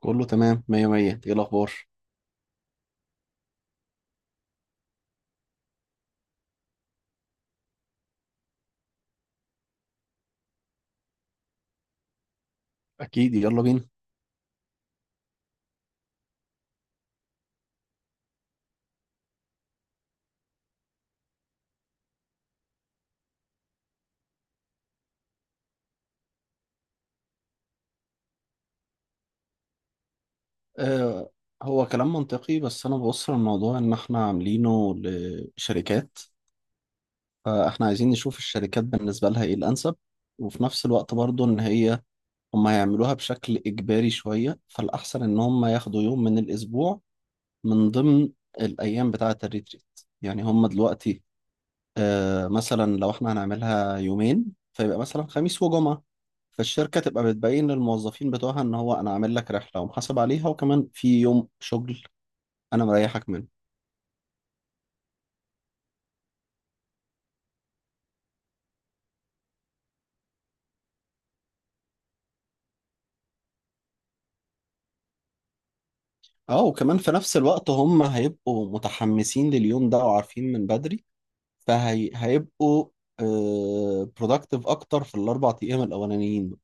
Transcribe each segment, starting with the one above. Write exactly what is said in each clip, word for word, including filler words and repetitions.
كله تمام مية مية. ايه الأخبار؟ أكيد، يلا بينا. آه هو كلام منطقي، بس أنا ببص للموضوع إن إحنا عاملينه لشركات، فإحنا عايزين نشوف الشركات بالنسبة لها إيه الأنسب. وفي نفس الوقت برضو إن هي هم هيعملوها بشكل إجباري شوية، فالأحسن إن هم ياخدوا يوم من الأسبوع من ضمن الأيام بتاعة الريتريت. يعني هم دلوقتي، آه مثلا لو إحنا هنعملها يومين فيبقى مثلا خميس وجمعة. فالشركة تبقى بتبين للموظفين بتوعها ان هو انا عامل لك رحلة ومحاسب عليها وكمان في يوم شغل انا مريحك منه. اه، وكمان في نفس الوقت هم هيبقوا متحمسين لليوم ده وعارفين من بدري، فهيبقوا برودكتيف اكتر في الاربع ايام الاولانيين.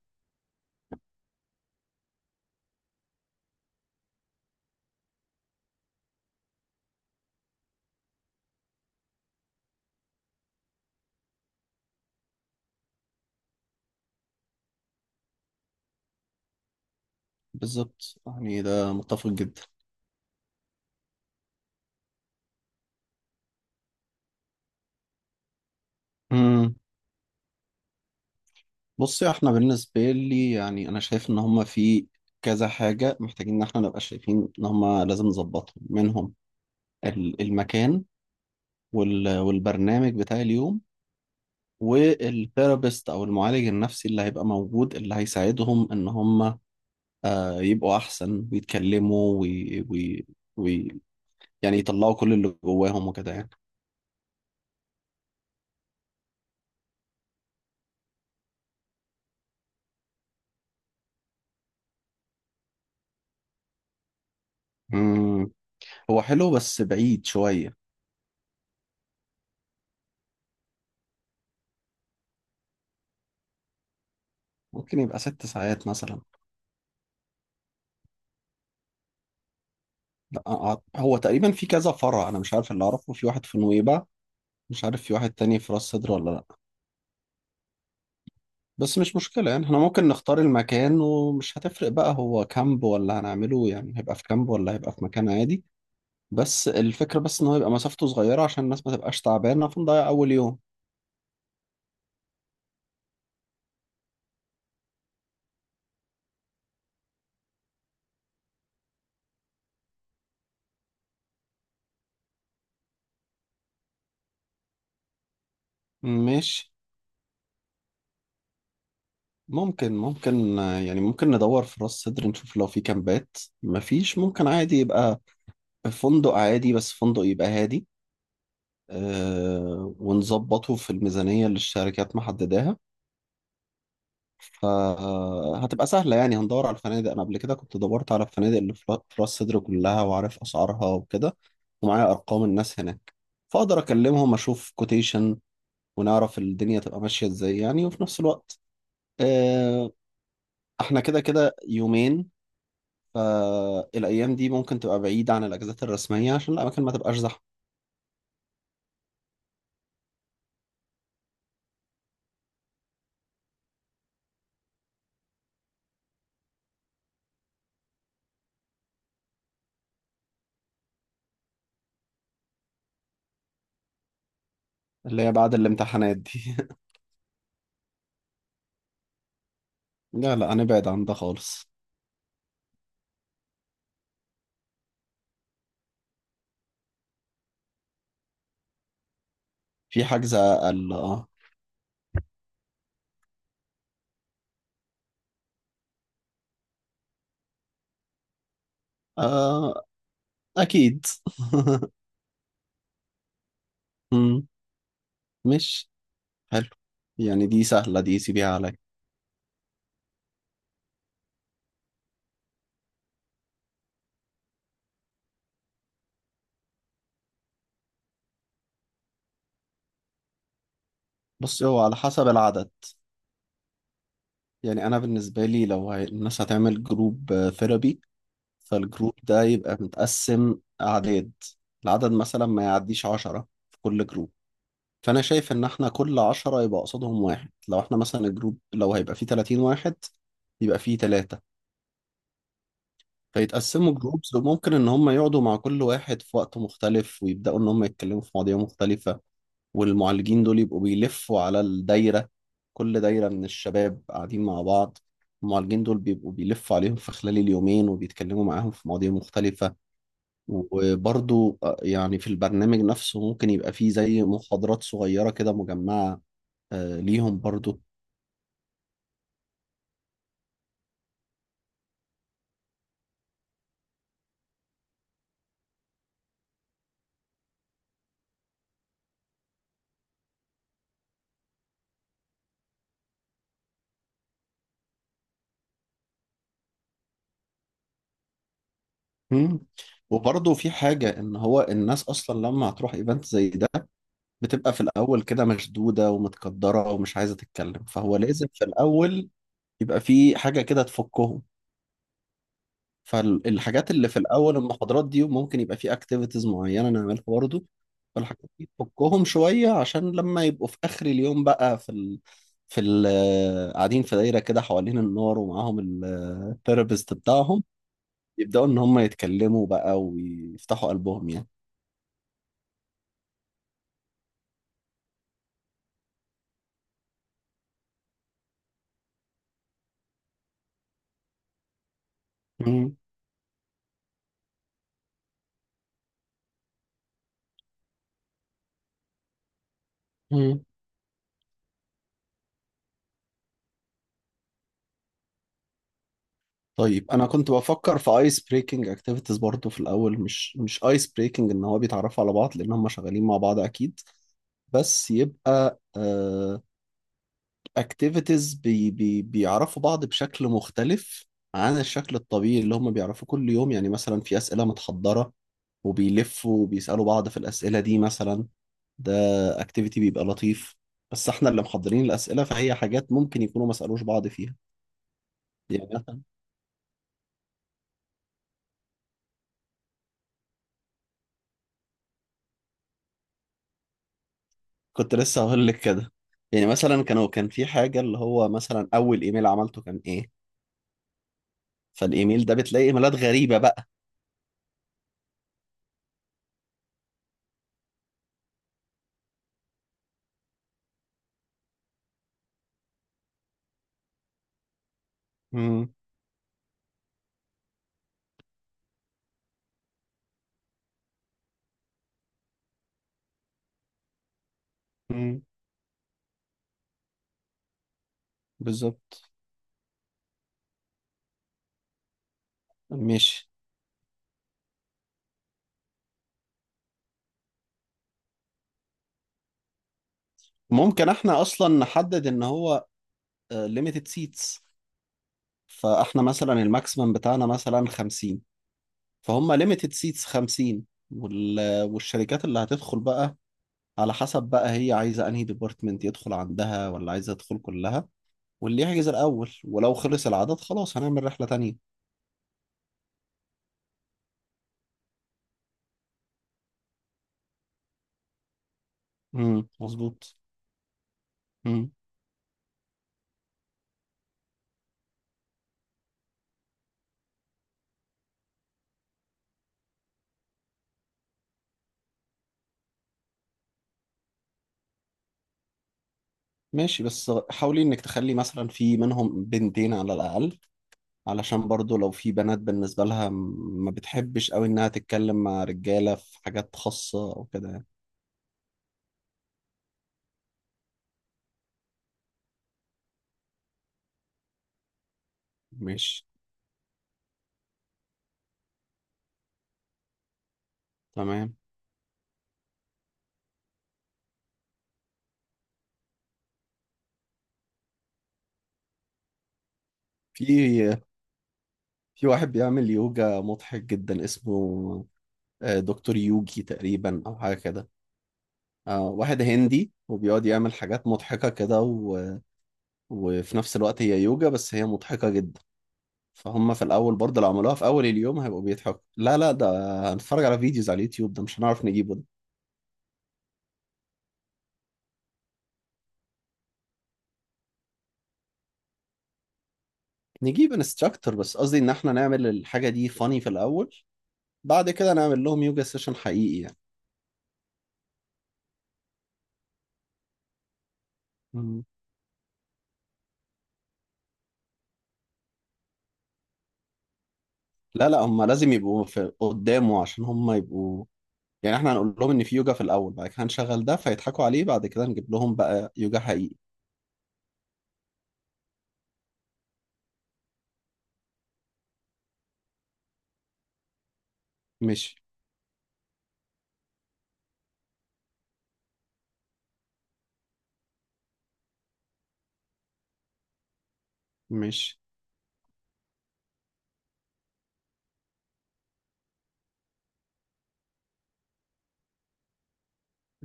بالظبط، يعني ده متفق جدا. امم بصي، احنا بالنسبة لي يعني انا شايف ان هم في كذا حاجة محتاجين ان احنا نبقى شايفين ان هم لازم نظبطهم منهم. ال- المكان وال- والبرنامج بتاع اليوم، والثيرابيست او المعالج النفسي اللي هيبقى موجود اللي هيساعدهم ان هم آه، يبقوا احسن ويتكلموا وي وي وي يعني يطلعوا كل اللي جواهم وكده يعني. مم. هو حلو بس بعيد شوية. ممكن يبقى ست ساعات مثلا. لا، أع- هو تقريبا في كذا فرع، انا مش عارف، اللي اعرفه في واحد في نويبع. مش عارف في واحد تاني في راس سدر ولا لا. بس مش مشكلة، يعني احنا ممكن نختار المكان، ومش هتفرق بقى هو كامب ولا هنعمله، يعني هيبقى في كامب ولا هيبقى في مكان عادي. بس الفكرة بس ان هو يبقى مسافته صغيرة عشان الناس ما تبقاش تعبانة فنضيع اول يوم. ماشي. ممكن ممكن آه، يعني ممكن ندور في راس سدر نشوف لو في كامبات، مفيش ممكن عادي يبقى فندق عادي، بس فندق يبقى هادي. اه، ونظبطه في الميزانية اللي الشركات محددها. فهتبقى سهلة، يعني هندور على الفنادق. أنا قبل كده كنت دورت على الفنادق اللي في را- في راس سدر كلها، وعارف أسعارها وكده. ومعايا أرقام الناس هناك، فأقدر أكلمهم أشوف كوتيشن، ونعرف الدنيا تبقى ماشية إزاي يعني. وفي نفس الوقت آه، إحنا كده كده يومين، فالأيام دي ممكن تبقى بعيدة عن الأجازات الرسمية عشان الأماكن ما تبقاش زحمة. اللي هي بعد الامتحانات دي. لا لا، هنبعد عن ده خالص. في حجز أقل، أه. آه، أكيد. مم، مش حلو، يعني دي سهلة، دي سيبيها عليا. بص، هو على حسب العدد. يعني أنا بالنسبة لي، لو هي الناس هتعمل جروب ثيرابي، فالجروب ده يبقى متقسم أعداد. العدد مثلا ما يعديش عشرة في كل جروب. فأنا شايف إن إحنا كل عشرة يبقى قصادهم واحد. لو إحنا مثلا الجروب لو هيبقى فيه تلاتين واحد، يبقى فيه تلاتة، فيتقسموا جروبز. وممكن إن هم يقعدوا مع كل واحد في وقت مختلف، ويبدأوا إن هم يتكلموا في مواضيع مختلفة. والمعالجين دول يبقوا بيلفوا على الدايرة، كل دايرة من الشباب قاعدين مع بعض. المعالجين دول بيبقوا بيلفوا عليهم في خلال اليومين وبيتكلموا معاهم في مواضيع مختلفة. وبرضو آه، يعني في البرنامج نفسه ممكن يبقى فيه زي محاضرات صغيرة كده مجمعة آه، ليهم برضو. مم. وبرضو في حاجة إن هو الناس أصلا لما هتروح إيفنت زي ده بتبقى في الأول كده مشدودة ومتقدرة ومش عايزة تتكلم، فهو لازم في الأول يبقى في حاجة كده تفكهم. فالحاجات اللي في الاول المحاضرات دي، ممكن يبقى في اكتيفيتيز معينه نعملها برضو. فالحاجات دي تفكهم شويه، عشان لما يبقوا في اخر اليوم بقى في ال... في ال... قاعدين في دايره كده حوالين النار ومعاهم الثيرابيست بتاعهم، يبداوا ان هم يتكلموا بقى ويفتحوا قلبهم يعني. مم. مم. طيب، انا كنت بفكر في ايس بريكنج اكتيفيتيز برضو في الاول. مش مش ايس بريكنج ان هو بيتعرفوا على بعض لان هم شغالين مع بعض اكيد. بس يبقى آه، اكتيفيتيز بي بي بيعرفوا بعض بشكل مختلف عن الشكل الطبيعي اللي هم بيعرفوه كل يوم. يعني مثلا في أسئلة متحضرة، وبيلفوا وبيسألوا بعض في الأسئلة دي مثلا. ده اكتيفيتي بيبقى لطيف، بس احنا اللي محضرين الأسئلة، فهي حاجات ممكن يكونوا ما سألوش بعض فيها. يعني مثلا، كنت لسه هقول لك كده. يعني مثلا كانوا كان في حاجة اللي هو مثلا أول إيميل عملته كان إيه. فالإيميل ده بتلاقي إيميلات غريبة بقى. امم امم بالظبط. ماشي. ممكن احنا اصلا نحدد ان هو ليميتد سيتس. فاحنا مثلا الماكسيمم بتاعنا مثلا خمسين، فهم ليميتد سيتس خمسين. وال- والشركات اللي هتدخل بقى، على حسب بقى هي عايزه انهي ديبارتمنت يدخل عندها ولا عايزه تدخل كلها، واللي يحجز الاول. ولو خلص العدد خلاص هنعمل رحله تانية. امم مظبوط. امم ماشي. بس حاولي انك تخلي مثلا في منهم بنتين على الاقل، علشان برضو لو في بنات بالنسبة لها، م- ما بتحبش قوي انها تتكلم مع رجالة في حاجات خاصة او كده يعني. ماشي، تمام. في في واحد بيعمل يوجا مضحك جدا اسمه آه، دكتور يوجي تقريبا او حاجة كده. آه، واحد هندي وبيقعد يعمل حاجات مضحكة كده، و... وفي نفس الوقت هي يوجا، بس هي مضحكة جدا. فهم في الأول برضه لو عملوها في أول اليوم هيبقوا بيضحكوا. لا لا ده هنتفرج على فيديوز على اليوتيوب، ده مش هنعرف نجيبه ده. نجيب انستراكتور، بس قصدي ان احنا نعمل الحاجه دي فاني في الاول. بعد كده نعمل لهم يوجا سيشن حقيقي يعني. مم. لا لا، هم لازم يبقوا في قدامه عشان هم يبقوا، يعني احنا هنقول لهم ان في يوجا في الاول، بعد كده هنشغل ده فيضحكوا عليه، بعد كده نجيب لهم بقى يوجا حقيقي. مش مش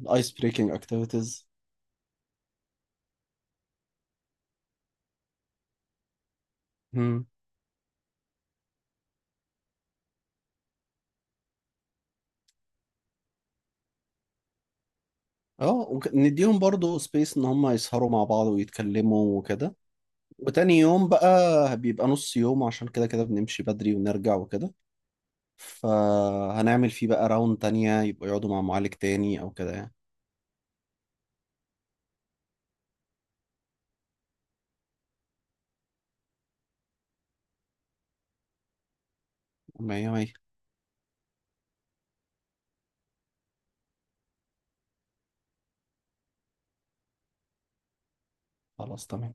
الايس بريكنج اكتيفيتيز. مم. اه، ونديهم برضو سبيس ان هم يسهروا مع بعض ويتكلموا وكده. وتاني يوم بقى بيبقى نص يوم، عشان كده كده بنمشي بدري ونرجع وكده. فهنعمل فيه بقى راوند تانية يبقى يقعدوا مع معالج تاني أو كده يعني. مية مية. خلاص تمام.